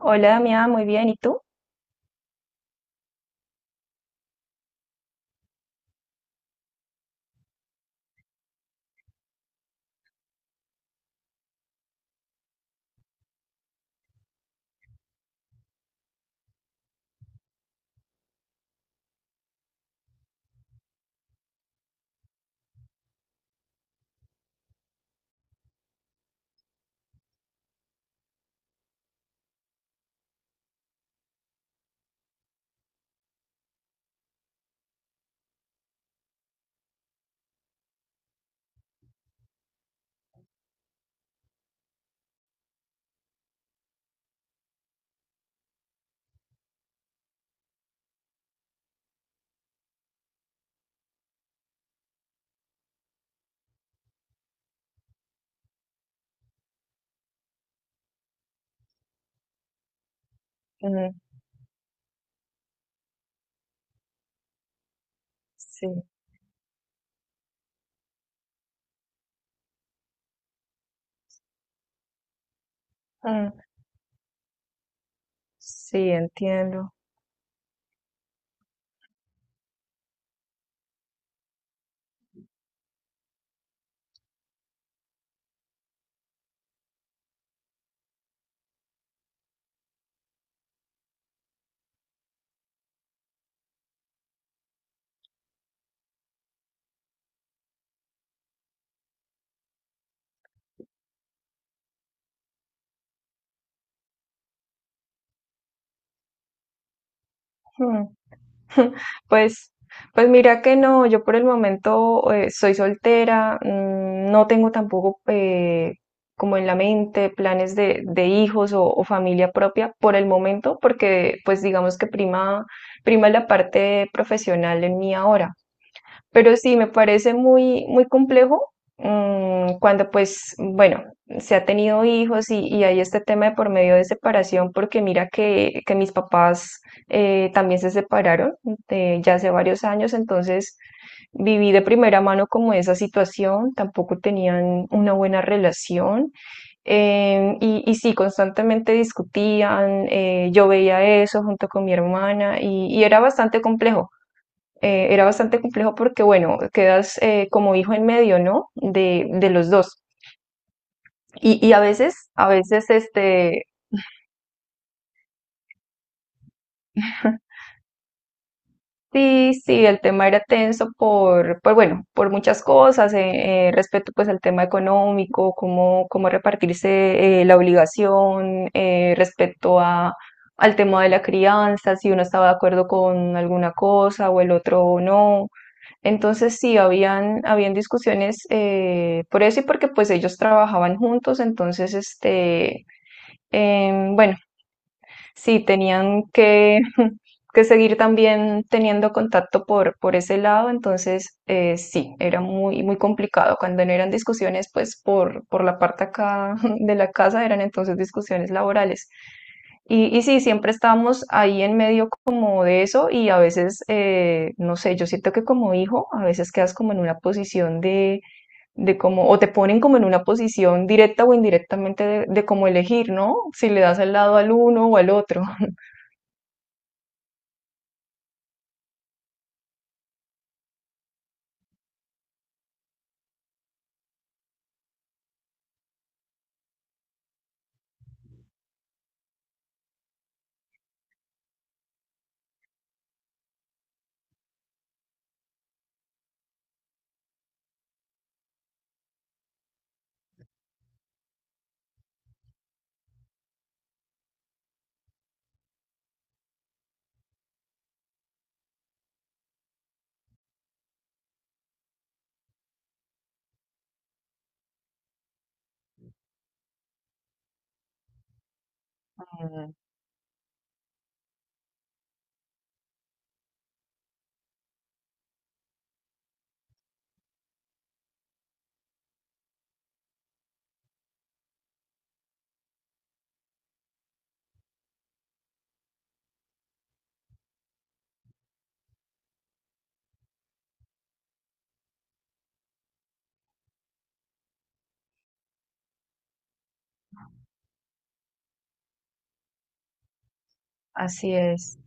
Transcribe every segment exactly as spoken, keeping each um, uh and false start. Hola, Damián, muy bien. ¿Y tú? Mm, sí, mm, sí, entiendo. Hmm. Pues, pues mira que no, yo por el momento eh, soy soltera, mm, no tengo tampoco eh, como en la mente planes de, de hijos o, o familia propia por el momento, porque pues digamos que prima, prima la parte profesional en mí ahora. Pero sí, me parece muy, muy complejo mm, cuando pues, bueno, se ha tenido hijos y, y hay este tema de por medio de separación, porque mira que, que mis papás eh, también se separaron de- ya hace varios años, entonces viví de primera mano como esa situación, tampoco tenían una buena relación. Em, y, y sí, constantemente discutían, eh, yo veía eso junto con mi hermana y, y era bastante complejo eh, era bastante complejo porque, bueno, quedas eh, como hijo en medio, ¿no? De, de los dos. Y, y a veces, a veces, este, sí, sí, el tema era tenso por, por bueno, por muchas cosas, eh, eh, respecto pues al tema económico, cómo, cómo repartirse eh, la obligación, eh, respecto a, al tema de la crianza, si uno estaba de acuerdo con alguna cosa o el otro no. Entonces sí, habían, habían discusiones eh, por eso y porque pues ellos trabajaban juntos, entonces este, em, bueno, sí, tenían que, que seguir también teniendo contacto por, por ese lado, entonces eh, sí, era muy, muy complicado. Cuando no eran discusiones, pues por, por la parte acá de la casa eran entonces discusiones laborales. Y, y sí, siempre estábamos ahí en medio como de eso y a veces, eh, no sé, yo siento que como hijo, a veces quedas como en una posición de de cómo, o te ponen como en una posición directa o indirectamente de, de cómo elegir, ¿no? Si le das al lado al uno o al otro. Ujú. Así es.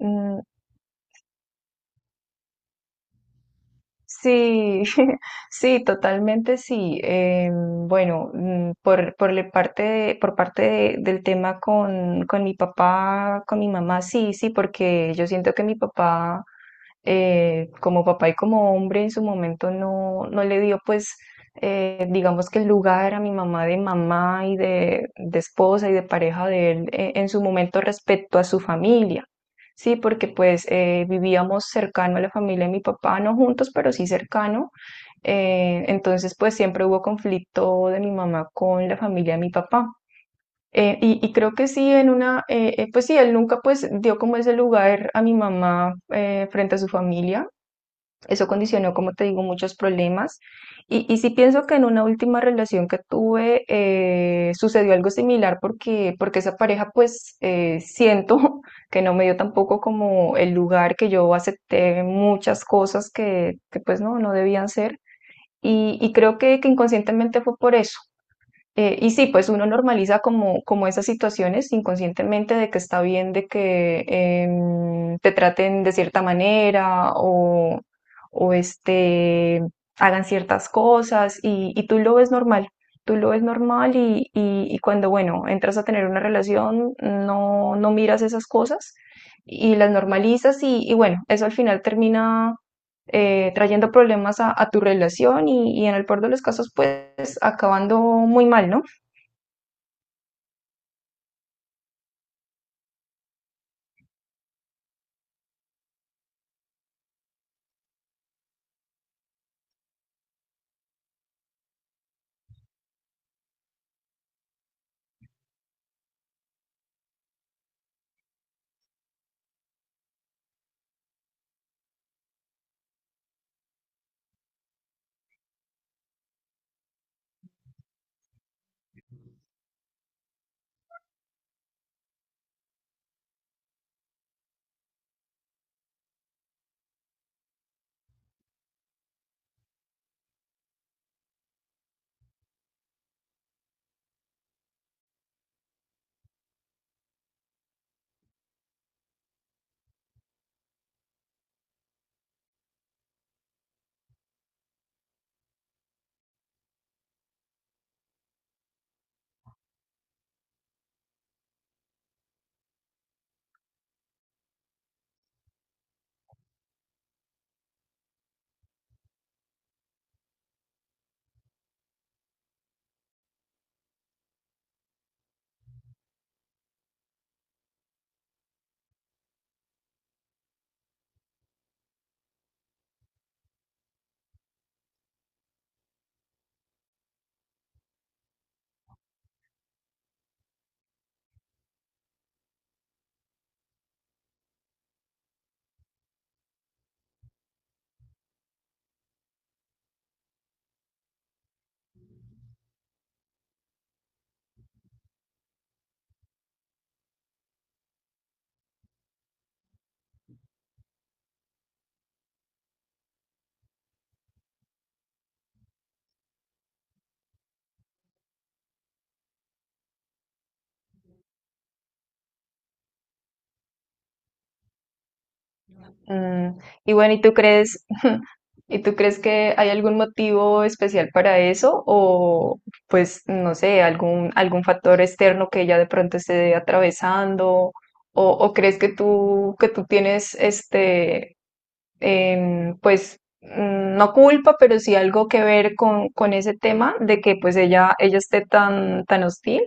Mm, sí, sí, totalmente sí. Eh, bueno, mm, por, por la parte de- por parte de- del tema con, con mi papá, con mi mamá, sí, sí, porque yo siento que mi papá eh, como papá y como hombre en su momento no, no le dio pues eh, digamos que el lugar a mi mamá de mamá y de, de esposa y de pareja de él eh, en su momento respecto a su familia. Sí, porque pues eh, vivíamos cercano a la familia de mi papá, no juntos, pero sí cercano. Eh, entonces pues siempre hubo conflicto de mi mamá con la familia de mi papá. Eh, y, y creo que sí, en una, eh, eh, pues sí, él nunca pues dio como ese lugar a mi mamá eh, frente a su familia, eso condicionó, como te digo, muchos problemas. Y, y sí pienso que en una última relación que tuve eh, sucedió algo similar porque, porque esa pareja, pues eh, siento que no me dio tampoco como el lugar que yo acepté muchas cosas que, que, pues no, no debían ser. Y, y creo que, que inconscientemente fue por eso, eh, y sí, pues uno normaliza como, como esas situaciones inconscientemente de que está bien, de que em, te traten de cierta manera o, o este, hagan ciertas cosas y, y tú lo ves normal, tú lo ves normal y, y- y cuando, bueno, entras a tener una relación, no, no miras esas cosas y las normalizas y, y bueno, eso al final termina eh, trayendo problemas a, a tu relación y, y en el peor de los casos, pues acabando muy mal, ¿no? Mm, y bueno, ¿y tú crees, y tú crees que hay algún motivo especial para eso? O pues, no sé, algún, algún factor externo que ella de pronto esté atravesando, o, o crees que tú, que tú tienes este, em, pues, mm, no culpa, pero sí algo que ver con, con ese tema de que pues ella, ella esté tan, tan hostil.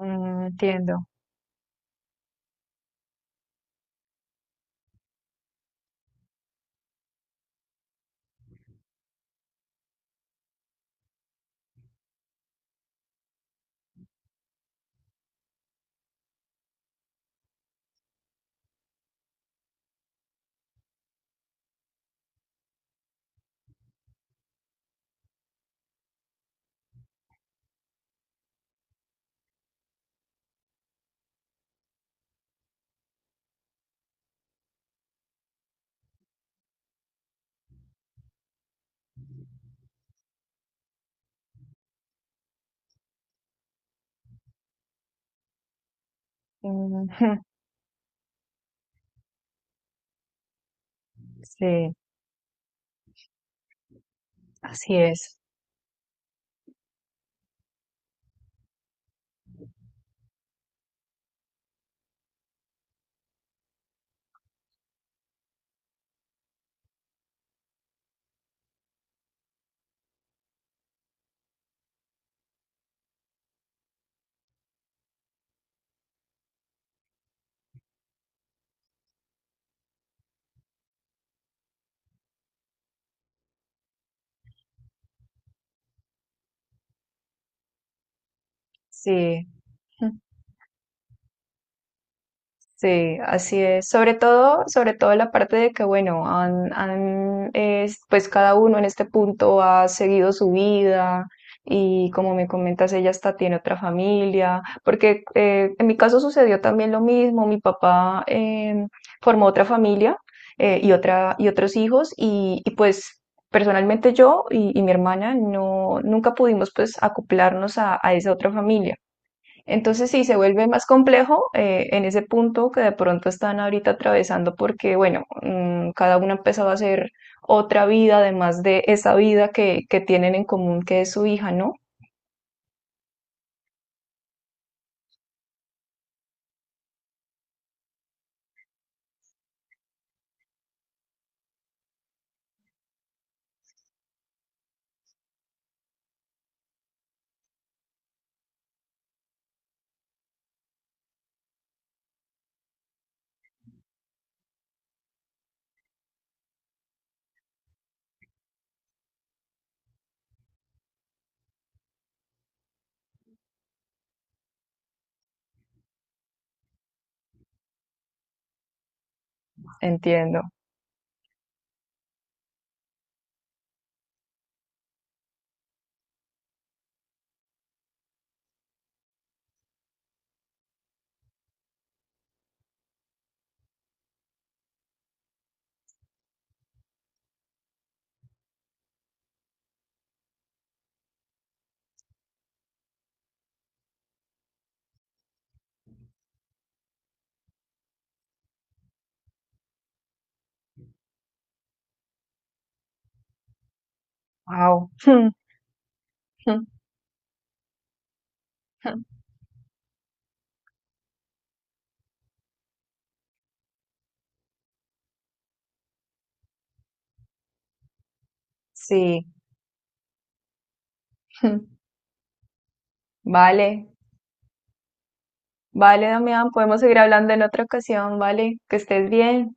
Mm, entiendo. Mm, sí, así es. Sí. Sí, así es. Sobre todo, sobre todo la parte de que, bueno, han, han, es- pues cada uno en este punto ha seguido su vida y como me comentas, ella hasta tiene otra familia, porque eh, en mi caso sucedió también lo mismo. Mi papá em, formó otra familia eh, y otra y otros hijos y, y, pues personalmente yo y, y mi hermana no nunca pudimos pues acoplarnos a a esa otra familia. Entonces sí, se vuelve más complejo eh, en ese punto que de pronto están ahorita atravesando porque, bueno, mm, cada uno ha empezado a hacer otra vida, además de esa vida que, que tienen en común, que es su hija, ¿no? Entiendo. Wow. Sí. Vale, vale, Damián, podemos seguir hablando en otra ocasión, vale, que estés bien.